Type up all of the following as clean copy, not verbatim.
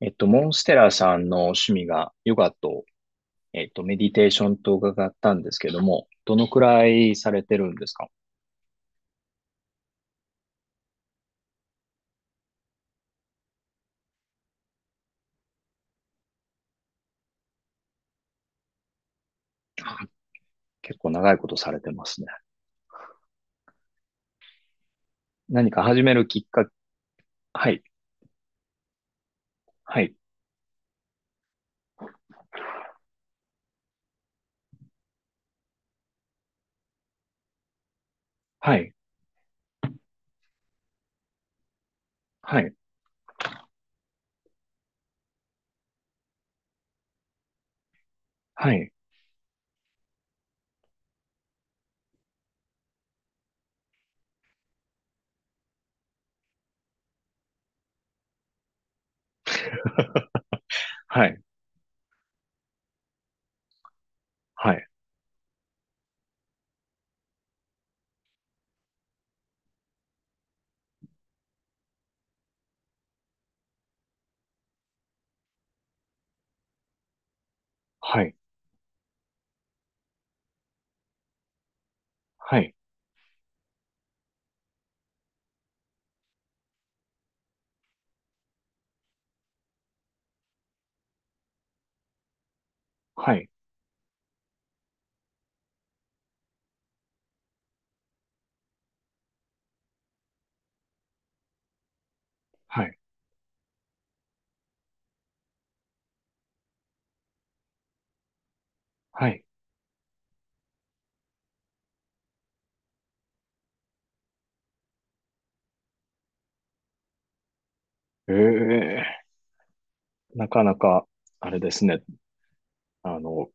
モンステラさんの趣味がヨガと、メディテーションと伺ったんですけども、どのくらいされてるんですか？はい。結構長いことされてますね。何か始めるきっかけ、はい、はい、はい、はい、はい、はい、はい、はい、はい、はい、はい、はい。ええ、なかなか、あれですね。あの、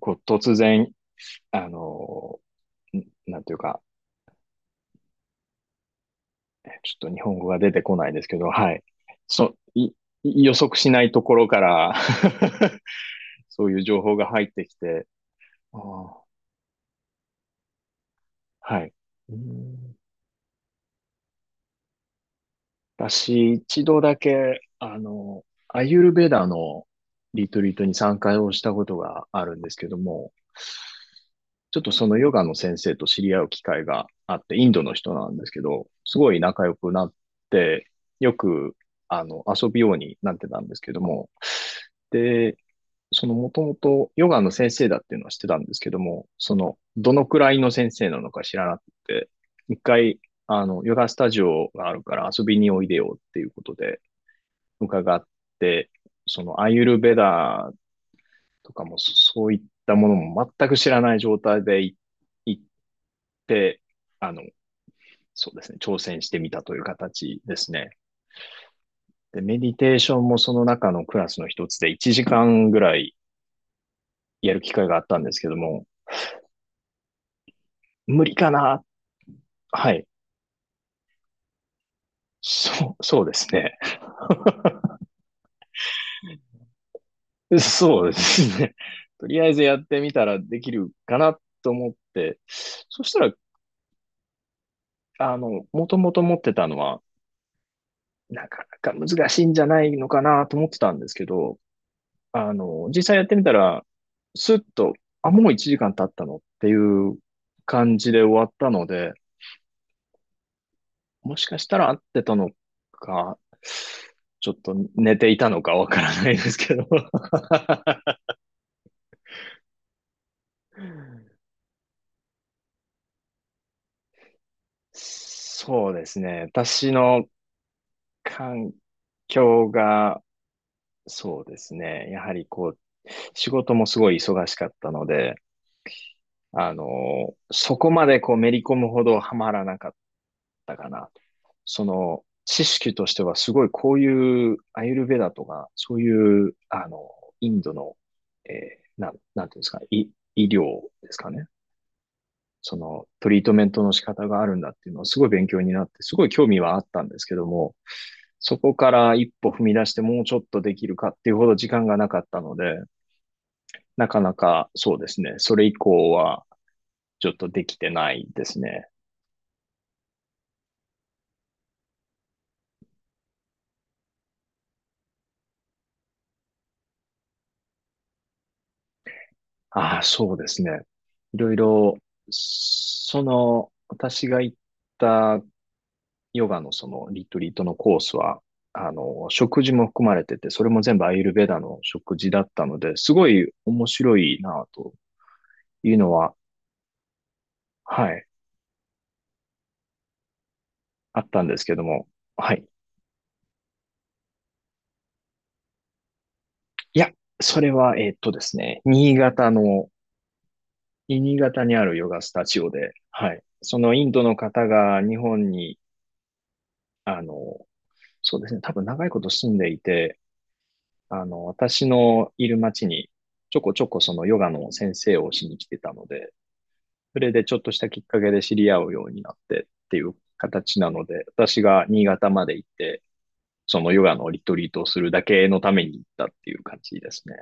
こう、突然、あの、んなんていうか、ちょっと日本語が出てこないですけど、はい。そ、い、予測しないところから そういう情報が入ってきて、あー、はい。うーん、私、一度だけ、アユルベダのリトリートに参加をしたことがあるんですけども、ちょっとそのヨガの先生と知り合う機会があって、インドの人なんですけど、すごい仲良くなって、よく、遊ぶようになってたんですけども、で、そのもともとヨガの先生だっていうのは知ってたんですけども、その、どのくらいの先生なのか知らなくて、一回、ヨガスタジオがあるから遊びにおいでよっていうことで伺って、そのアーユルベダーとかもそういったものも全く知らない状態で行って、あの、そうですね、挑戦してみたという形ですね。で、メディテーションもその中のクラスの一つで1時間ぐらいやる機会があったんですけども、無理かなっ。はい。そう、そうですね。そうですね。とりあえずやってみたらできるかなと思って、そしたら、もともと持ってたのは、なかなか難しいんじゃないのかなと思ってたんですけど、実際やってみたら、スッと、あ、もう1時間経ったのっていう感じで終わったので、もしかしたら合ってたのか、ちょっと寝ていたのかわからないですけど。そうですね。私の環境が、そうですね。やはりこう、仕事もすごい忙しかったので、そこまでこうめり込むほどハマらなかったかな。その、知識としてはすごいこういうアーユルヴェダとか、そういう、インドの、なんていうんですかね、医療ですかね。そのトリートメントの仕方があるんだっていうのはすごい勉強になって、すごい興味はあったんですけども、そこから一歩踏み出してもうちょっとできるかっていうほど時間がなかったので、なかなかそうですね、それ以降はちょっとできてないですね。ああ、そうですね。いろいろ、その、私が行ったヨガのそのリトリートのコースは、食事も含まれてて、それも全部アーユルベーダの食事だったので、すごい面白いなぁというのは、はい、あったんですけども、はい。いや、それは、ですね、新潟にあるヨガスタジオで、はい。そのインドの方が日本に、あの、そうですね、多分長いこと住んでいて、私のいる町に、ちょこちょこそのヨガの先生をしに来てたので、それでちょっとしたきっかけで知り合うようになってっていう形なので、私が新潟まで行って、そのヨガのリトリートをするだけのために行ったっていう感じですね。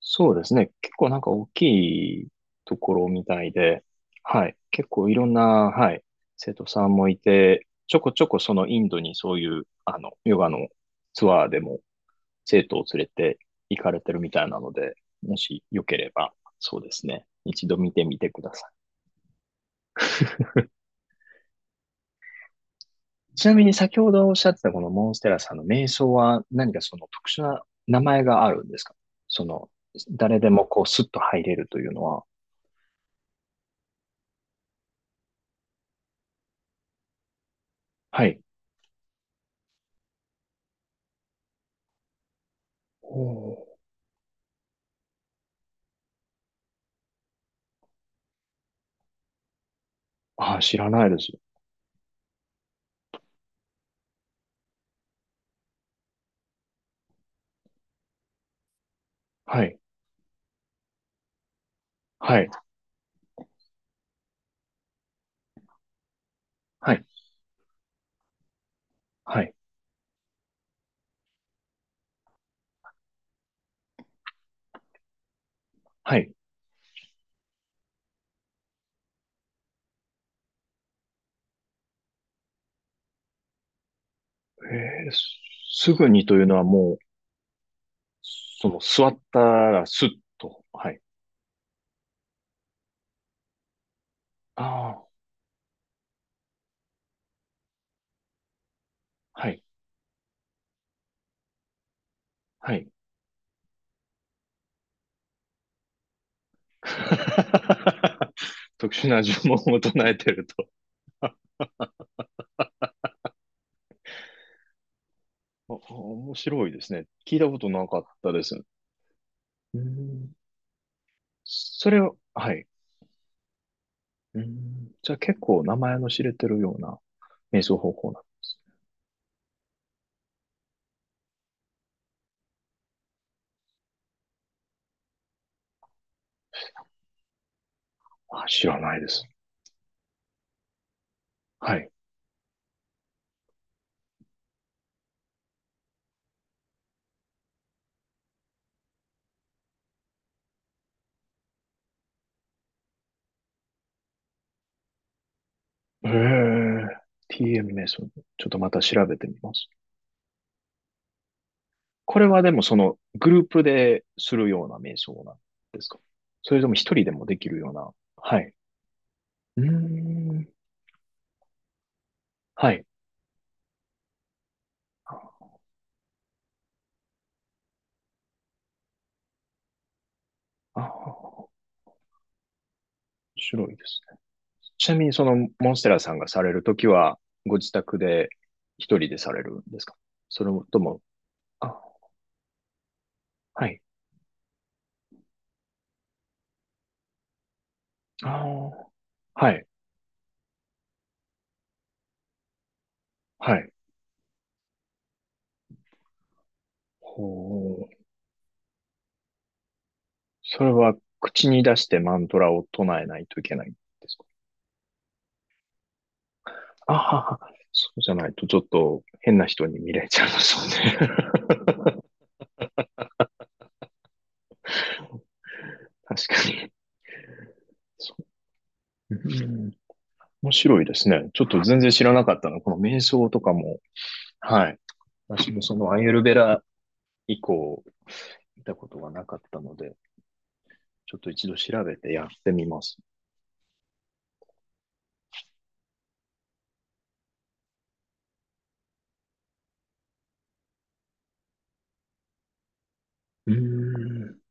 そうですね。結構なんか大きいところみたいで、はい。結構いろんな、はい、生徒さんもいて、ちょこちょこそのインドにそういう、ヨガのツアーでも生徒を連れて行かれてるみたいなので、もしよければ、そうですね。一度見てみてください。ちなみに先ほどおっしゃってたこのモンステラさんの瞑想は何かその特殊な名前があるんですか？その、誰でもこうスッと入れるというのは。はい。おー、ああ、知らないです。はい。はい。はい。はい。はい。えー、すすぐにというのはもう、その、座ったらスッと。はい。ああ、はい。はい。特殊な呪文を唱えてると。あ面白いですね。聞いたことなかったです。うん。それを、はい。うん。じゃあ結構名前の知れてるような瞑想方法な。あ、知らないです。はい。へえ、TM 瞑想。ちょっとまた調べてみます。これはでもそのグループでするような瞑想なんですか？それとも一人でもできるような。はい。うーん。はい。ああ、面白いですね。ちなみにそのモンステラさんがされるときは、ご自宅で一人でされるんですか？それとも、あ、はい。ああ、はい。はい。ほう。それは口に出してマントラを唱えないといけないんですか？あはは、そうじゃないとちょっと変な人に見られちゃいますよね。確かに。そう。うん。面白いですね。ちょっと全然知らなかったの。この瞑想とかも。はい。私もそのアイユルベラ以降見たことがなかったので、ちょっと一度調べてやってみます。うーん。